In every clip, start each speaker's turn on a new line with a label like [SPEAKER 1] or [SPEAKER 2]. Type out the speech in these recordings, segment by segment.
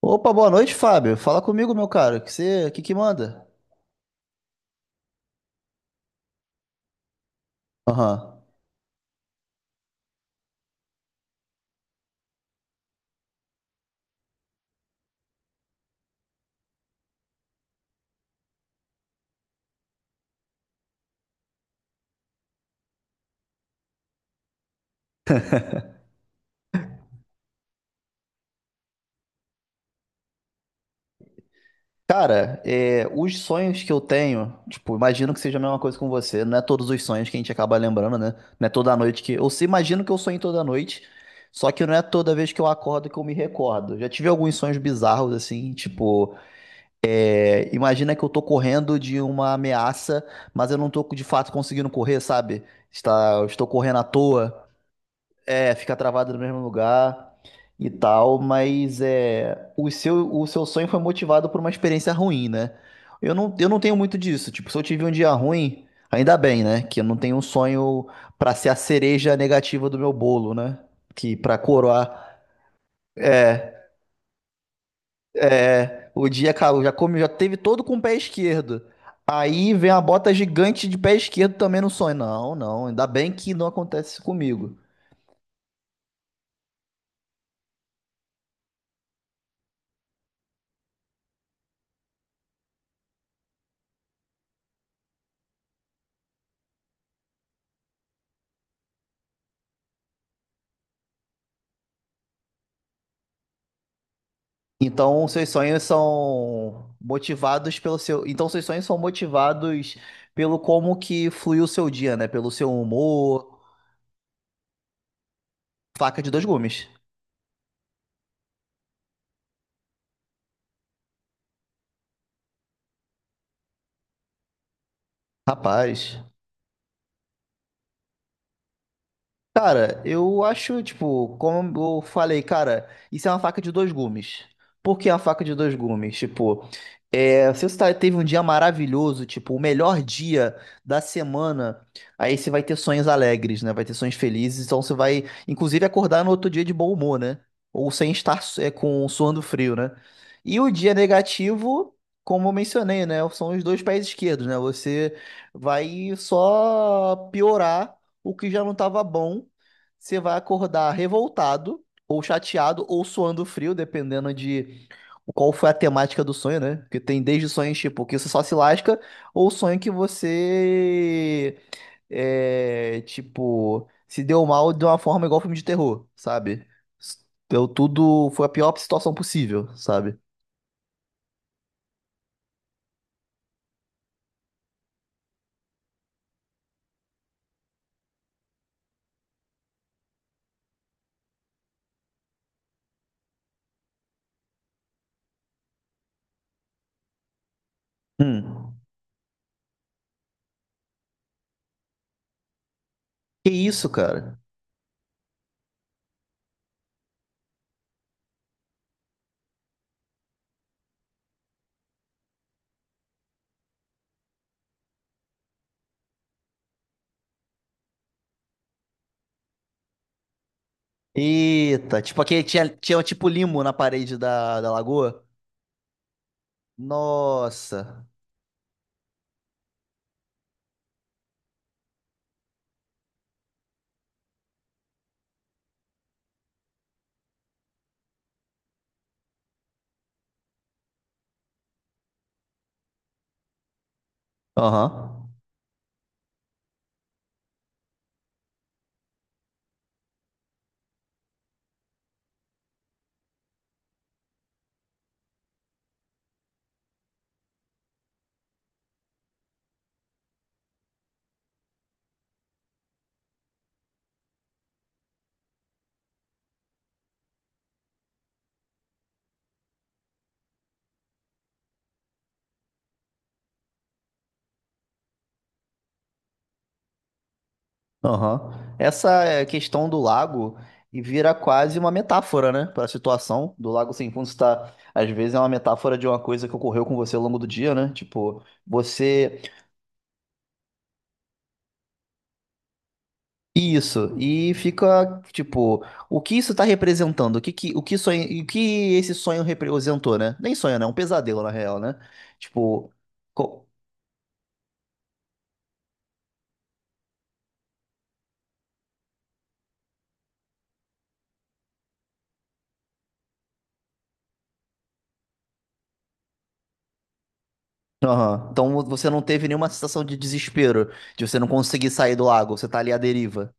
[SPEAKER 1] Opa, boa noite, Fábio. Fala comigo, meu cara. Que que manda? Aham. Cara, os sonhos que eu tenho, tipo, imagino que seja a mesma coisa com você. Não é todos os sonhos que a gente acaba lembrando, né? Não é toda noite que. Eu se imagino que eu sonho toda noite, só que não é toda vez que eu acordo que eu me recordo. Já tive alguns sonhos bizarros, assim, tipo, imagina que eu tô correndo de uma ameaça, mas eu não tô de fato conseguindo correr, sabe? Está, eu estou correndo à toa. É, fica travado no mesmo lugar e tal, mas o seu sonho foi motivado por uma experiência ruim, né? Eu não tenho muito disso. Tipo, se eu tive um dia ruim, ainda bem, né? Que eu não tenho um sonho pra ser a cereja negativa do meu bolo, né? Que pra coroar. É, é. O dia, cara, eu já comi, já teve todo com o pé esquerdo. Aí vem a bota gigante de pé esquerdo também no sonho. Não, não. Ainda bem que não acontece isso comigo. Então, seus sonhos são motivados pelo seu. Então, seus sonhos são motivados pelo como que fluiu o seu dia, né? Pelo seu humor. Faca de dois gumes. Rapaz. Cara, eu acho, tipo, como eu falei, cara, isso é uma faca de dois gumes. Por que a faca de dois gumes? Tipo. É, se você tá- teve um dia maravilhoso, tipo, o melhor dia da semana, aí você vai ter sonhos alegres, né? Vai ter sonhos felizes, então você vai, inclusive, acordar no outro dia de bom humor, né? Ou sem estar com suando frio, né? E o dia negativo, como eu mencionei, né? São os dois pés esquerdos, né? Você vai só piorar o que já não estava bom. Você vai acordar revoltado, ou chateado, ou suando frio, dependendo de qual foi a temática do sonho, né? Porque tem desde sonhos tipo que você só se lasca ou sonho que você tipo se deu mal de uma forma igual filme de terror, sabe? Deu tudo, foi a pior situação possível, sabe? Hum. Que isso, cara? Eita, tipo aquele tinha, tinha tipo limo na parede da lagoa. Nossa. Aham. Aham. Essa é, questão do lago e vira quase uma metáfora, né, para a situação do lago sem fundo está às vezes é uma metáfora de uma coisa que ocorreu com você ao longo do dia, né? Tipo, você isso e fica tipo, o que isso está representando? O que sonho, o que esse sonho representou, né? Nem sonho, né? Um pesadelo na real, né? Tipo, co- aham. Então você não teve nenhuma sensação de desespero, de você não conseguir sair do lago, você tá ali à deriva.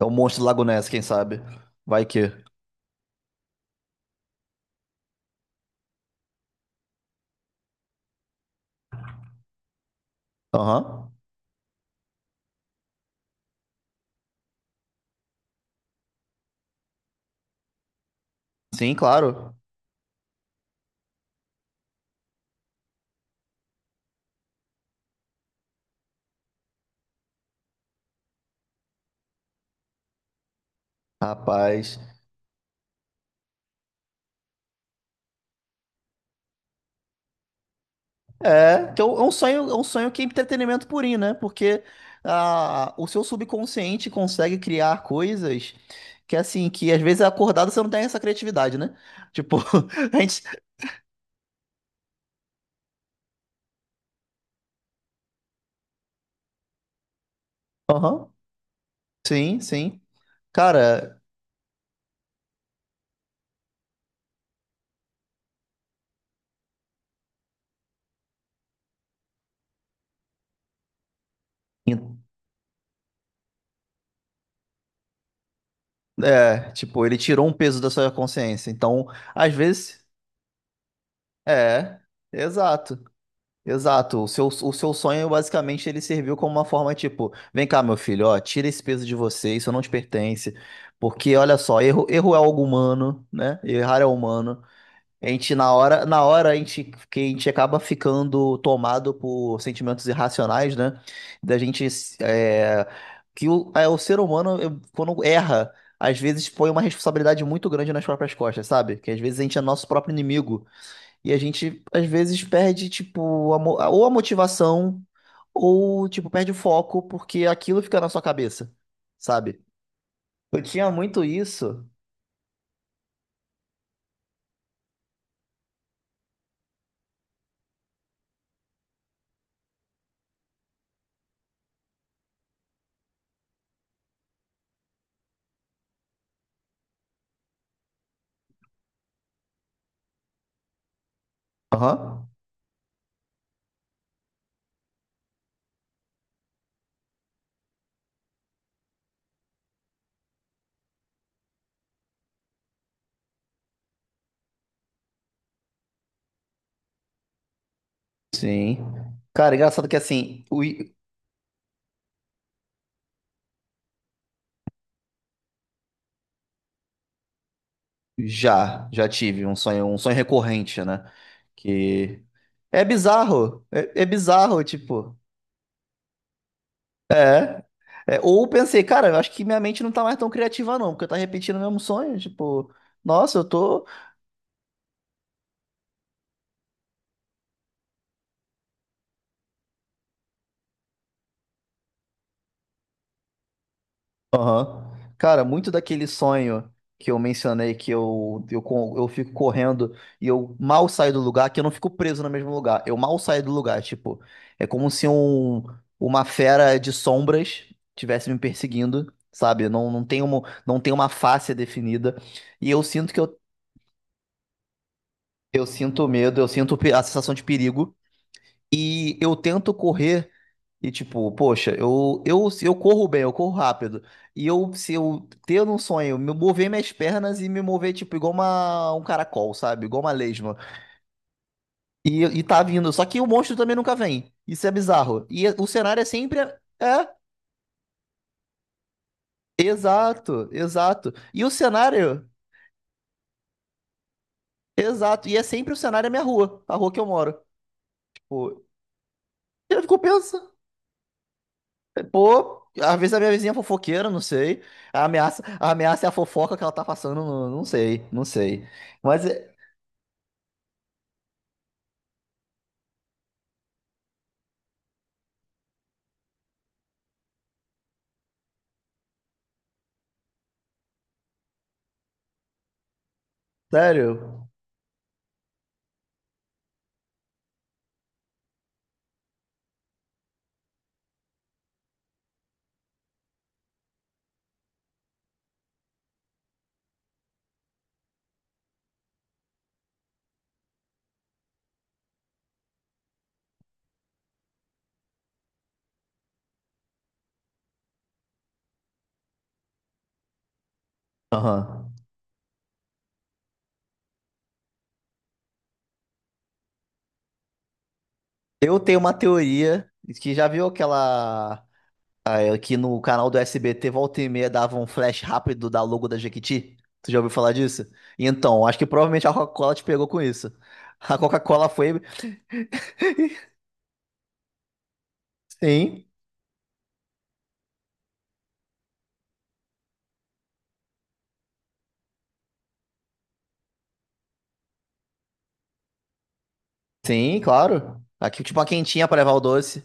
[SPEAKER 1] É o monstro do Lago Ness, quem sabe? Vai que. Aham. Sim, claro. Rapaz. É, que é um sonho que é entretenimento purinho, né? Porque o seu subconsciente consegue criar coisas que, assim, que às vezes acordado você não tem essa criatividade, né? Tipo, a gente. Aham. Sim, sim. Cara, en- é, tipo, ele tirou um peso da sua consciência. Então, às vezes. É, exato. Exato, o seu sonho basicamente ele serviu como uma forma tipo, vem cá meu filho, ó, tira esse peso de você, isso não te pertence, porque olha só, erro é algo humano, né? Errar é humano. A gente na hora a gente, que a gente acaba ficando tomado por sentimentos irracionais, né? Da gente é, o ser humano quando erra, às vezes põe uma responsabilidade muito grande nas próprias costas, sabe? Que às vezes a gente é nosso próprio inimigo. E a gente, às vezes, perde, tipo, a ou a motivação, ou, tipo, perde o foco, porque aquilo fica na sua cabeça, sabe? Eu tinha muito isso. Aham. Sim. Cara, engraçado que, assim, já, tive um sonho recorrente, né? Que é bizarro, é bizarro, tipo, é. Ou pensei, cara, eu acho que minha mente não tá mais tão criativa, não, porque eu tá repetindo o mesmo sonho, tipo, nossa, eu tô. Aham. Cara, muito daquele sonho que eu mencionei, que eu, co- eu fico correndo e eu mal saio do lugar, que eu não fico preso no mesmo lugar. Eu mal saio do lugar, tipo, é como se um, uma fera de sombras tivesse me perseguindo, sabe? Não, não tem uma face definida. E eu sinto que eu, eu sinto medo, a sensação de perigo. E eu tento correr. E tipo, poxa, se eu corro bem, eu corro rápido. Se eu ter um sonho, me mover minhas pernas e me mover, tipo, um caracol, sabe? Igual uma lesma. E tá vindo. Só que o monstro também nunca vem. Isso é bizarro. E é, o cenário é sempre. É, exato. E o cenário. Exato. E é sempre o cenário é minha rua, a rua que eu moro. Tipo, eu fico pensando. Pô, às vezes a minha vizinha é fofoqueira, não sei. A ameaça é a fofoca que ela tá passando, não sei, não sei. Mas, sério, aham. Eu tenho uma teoria que já viu aquela. Que no canal do SBT volta e meia dava um flash rápido da logo da Jequiti? Tu já ouviu falar disso? Então, acho que provavelmente a Coca-Cola te pegou com isso. A Coca-Cola foi. Sim, sim, claro. Aqui, tipo, a quentinha pra levar o doce.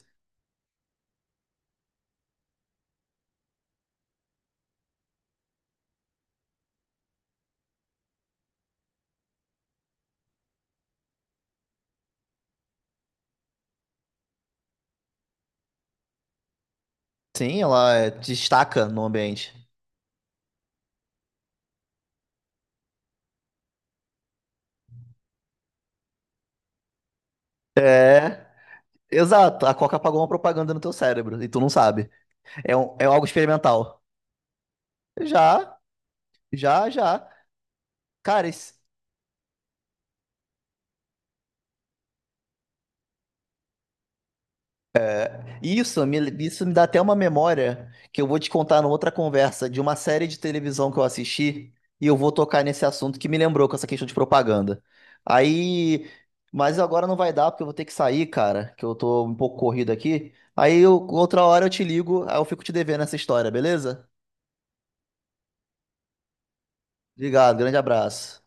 [SPEAKER 1] Sim, ela destaca no ambiente. Exato, a Coca apagou uma propaganda no teu cérebro e tu não sabe. É, é algo experimental. Já, já, já. Cara, isso, me, isso me dá até uma memória que eu vou te contar numa outra conversa de uma série de televisão que eu assisti e eu vou tocar nesse assunto que me lembrou com essa questão de propaganda. Aí, mas agora não vai dar porque eu vou ter que sair, cara, que eu tô um pouco corrido aqui. Outra hora eu te ligo, aí eu fico te devendo essa história, beleza? Obrigado, grande abraço.